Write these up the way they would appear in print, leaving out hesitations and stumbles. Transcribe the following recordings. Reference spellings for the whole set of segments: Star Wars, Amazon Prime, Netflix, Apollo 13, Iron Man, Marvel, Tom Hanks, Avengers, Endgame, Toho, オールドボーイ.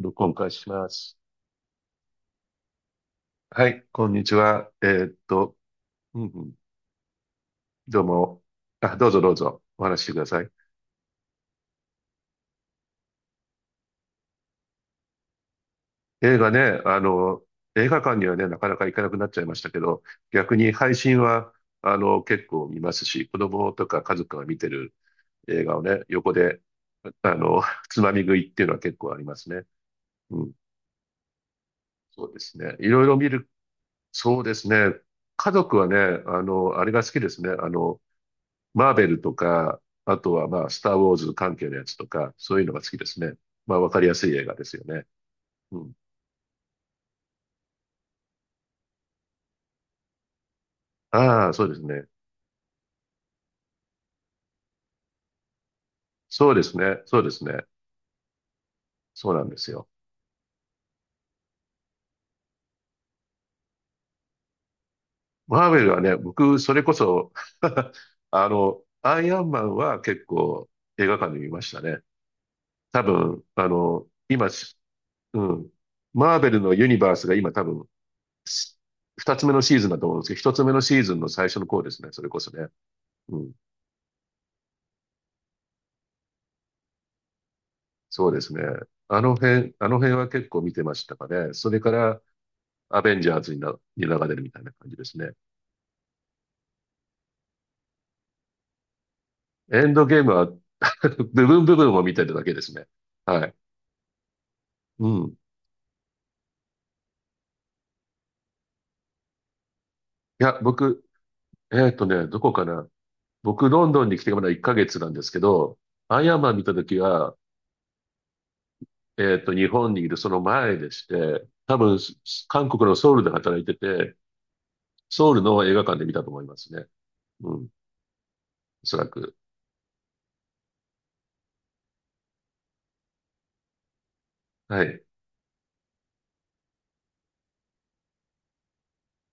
録音開始します。はい、こんにちは。うんうん、どうも。あ、どうぞどうぞ、お話ししてください。映画ね、映画館にはね、なかなか行かなくなっちゃいましたけど、逆に配信は、結構見ますし、子供とか家族が見てる映画をね、横で、あの、つまみ食いっていうのは結構ありますね。うん、そうですね。いろいろ見る、そうですね。家族はね、あれが好きですね。マーベルとか、あとはまあ、スター・ウォーズ関係のやつとか、そういうのが好きですね。まあ、わかりやすい映画ですよね。うん。ああ、そうですね。そうですね。そうですね。そうなんですよ。マーベルはね、僕、それこそ アイアンマンは結構映画館で見ましたね。多分、うん。マーベルのユニバースが今多分、し二つ目のシーズンだと思うんですけど、一つ目のシーズンの最初の頃ですね。それこそね。うん。そうですね。あの辺は結構見てましたかね。それから、アベンジャーズに流れるみたいな感じですね。エンドゲームは 部分部分を見てるだけですね。はい。うん。いや、僕、どこかな。僕、ロンドンに来てまだ1ヶ月なんですけど、アイアンマン見たときは、日本にいるその前でして、多分、韓国のソウルで働いてて、ソウルの映画館で見たと思いますね。うん。おそらく。はい。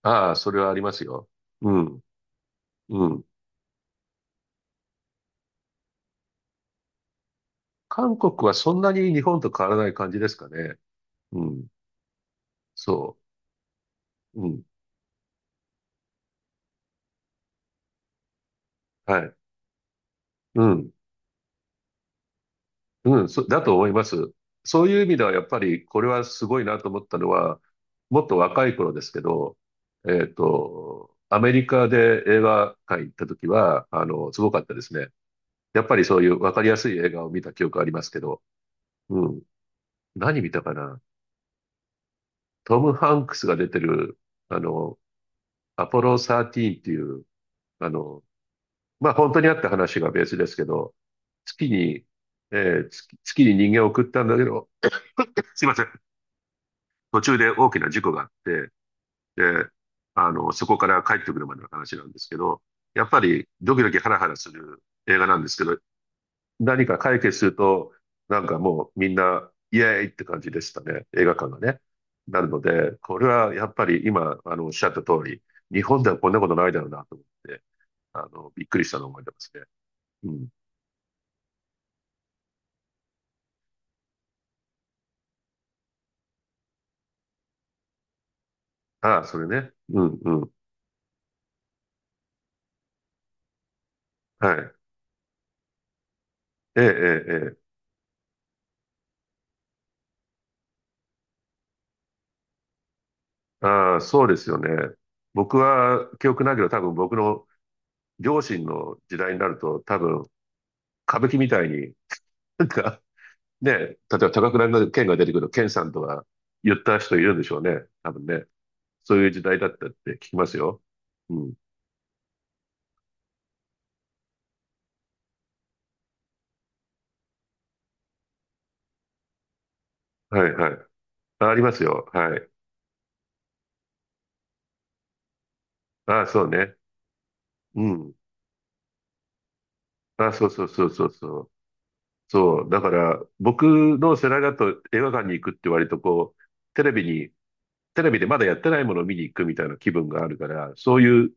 ああ、それはありますよ。うん。うん。韓国はそんなに日本と変わらない感じですかね。うん。そう。うん。はい。うん。うん。だと思います。そういう意味ではやっぱりこれはすごいなと思ったのは、もっと若い頃ですけど、アメリカで映画館行った時は、すごかったですね。やっぱりそういうわかりやすい映画を見た記憶ありますけど、うん。何見たかな、トム・ハンクスが出てる、あの、アポロ13っていう、あの、まあ本当にあった話がベースですけど、月に、えー月、月に人間を送ったんだけど、すいません。途中で大きな事故があって、で、そこから帰ってくるまでの話なんですけど、やっぱりドキドキハラハラする映画なんですけど、何か解決すると、なんかもうみんな、イエーイって感じでしたね。映画館がね。なので、これはやっぱり今、おっしゃった通り、日本ではこんなことないだろうなと思って、びっくりしたのを覚えてますね。うん。ああ、それね。うんうん。はい。ええ、ええ、ええ。ああ、そうですよね。僕は記憶ないけど、多分僕の両親の時代になると、多分歌舞伎みたいに、なんかね、例えば高倉の剣が出てくる剣さんとか言った人いるんでしょうね。多分ね。そういう時代だったって聞きますよ。うん。はいはい。あ、ありますよ。はい。ああ、そうね。うん。ああ、そうそうそうそうそう。そう、だから僕の世代だと映画館に行くって割とこう、テレビに、テレビでまだやってないものを見に行くみたいな気分があるから、そういう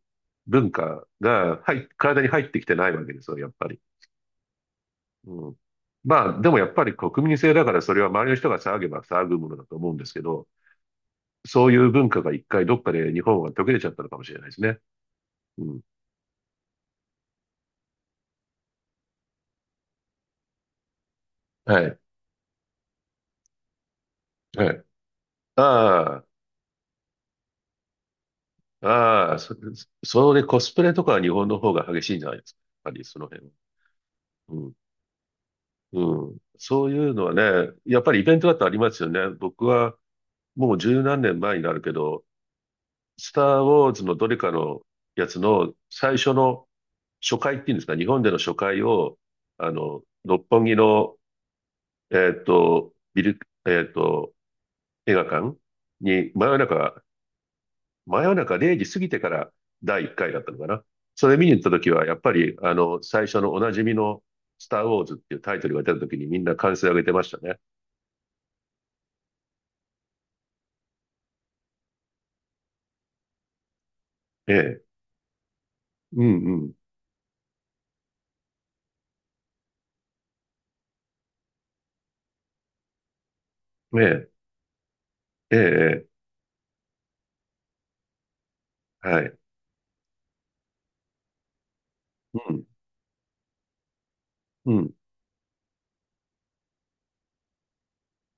文化が体に入ってきてないわけですよ、やっぱり。うん。まあ、でもやっぱり国民性だからそれは周りの人が騒げば騒ぐものだと思うんですけど、そういう文化が一回どっかで日本は途切れちゃったのかもしれないですね。うん。はい。はい。ああ、ああ、それ、コスプレとかは日本の方が激しいんじゃないですか。やっぱりその辺は。うんうん。そういうのはね、やっぱりイベントだとありますよね。僕はもう十何年前になるけど、スター・ウォーズのどれかのやつの最初の初回っていうんですか、日本での初回を、六本木の、ビル、えっと、映画館に真夜中0時過ぎてから第1回だったのかな。それ見に行った時は、やっぱり、最初のおなじみのスター・ウォーズっていうタイトルが出た時にみんな歓声を上げてましたね。ええ。うんうん。ええ、ええ、ええ、はい。うん、うん、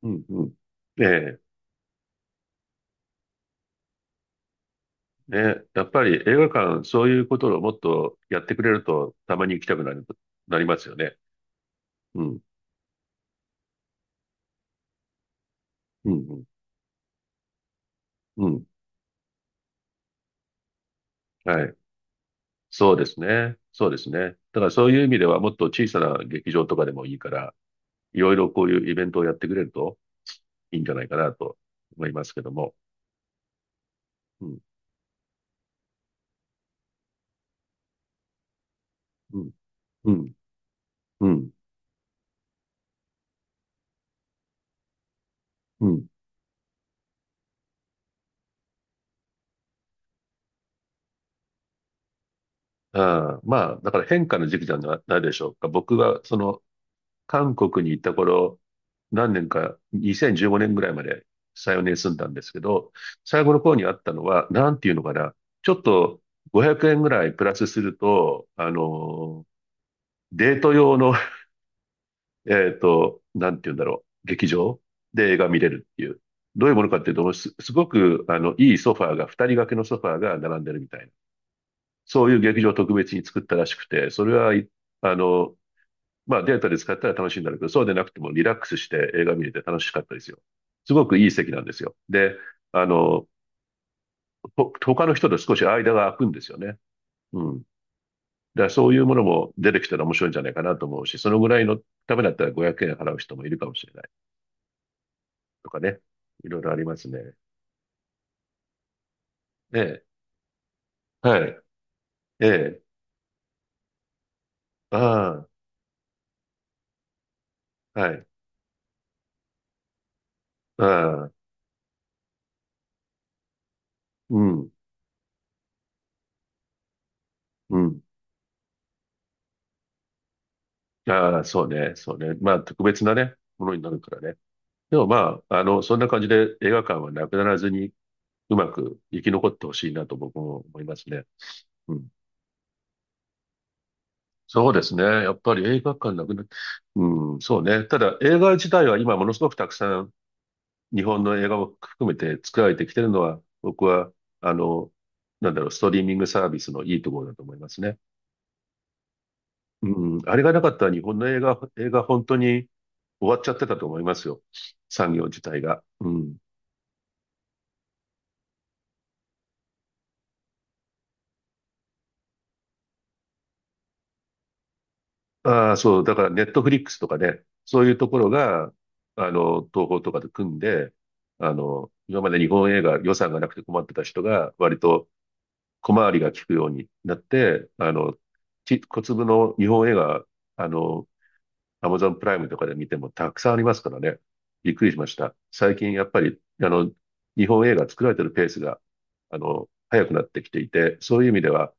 うん、うん。ええ、ね。やっぱり映画館、そういうことをもっとやってくれると、たまに行きたくなる、なりますよね。うん、うん、うん、うん。はい。そうですね。そうですね。だからそういう意味では、もっと小さな劇場とかでもいいから、いろいろこういうイベントをやってくれるといいんじゃないかなと思いますけども。うん、うん、うん、うん、うん。ああ、まあ、だから変化の時期じゃなないでしょうか。僕は、韓国に行った頃、何年か、2015年ぐらいまで3、4年住んだんですけど、最後の方にあったのは、なんていうのかな、ちょっと500円ぐらいプラスすると、デート用の、なんていうんだろう、劇場で映画見れるっていう。どういうものかっていうと、すごく、いいソファーが、二人掛けのソファーが並んでるみたいな。そういう劇場を特別に作ったらしくて、それは、いあの、まあデータで使ったら楽しいんだろうけど、そうでなくてもリラックスして映画見れて楽しかったですよ。すごくいい席なんですよ。で、あの、他の人と少し間が空くんですよね。うん。だからそういうものも出てきたら面白いんじゃないかなと思うし、そのぐらいのためだったら500円払う人もいるかもしれないとかね。いろいろありますね。ええ、はい。ええ、ああ、はい。ああ、うん、うん。ああ、そうね、そうね。まあ、特別なね、ものになるからね。でもまあ、そんな感じで映画館はなくならずにうまく生き残ってほしいなと僕も思いますね。うん。そうですね。やっぱり映画館なくなって、うん、そうね。ただ映画自体は今ものすごくたくさん日本の映画を含めて作られてきてるのは、僕は、あの、なんだろう、ストリーミングサービスのいいところだと思いますね。うん、あれがなかったら日本の映画本当に終わっちゃってたと思いますよ。産業自体が。うん。ああ、そう、だからネットフリックスとかね、そういうところが、東宝とかで組んで、今まで日本映画予算がなくて困ってた人が、割と小回りが利くようになって、小粒の日本映画、あの、アマゾンプライムとかで見てもたくさんありますからね。びっくりしました。最近やっぱり、日本映画作られてるペースが、早くなってきていて、そういう意味では、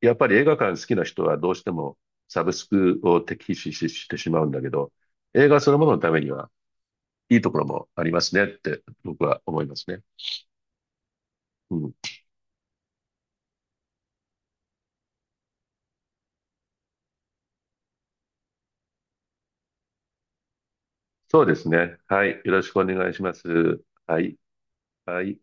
やっぱり映画館好きな人はどうしてもサブスクを敵視してしまうんだけど、映画そのもののためにはいいところもありますねって僕は思いますね。うん。そうですね。はい。よろしくお願いします。はい。はい。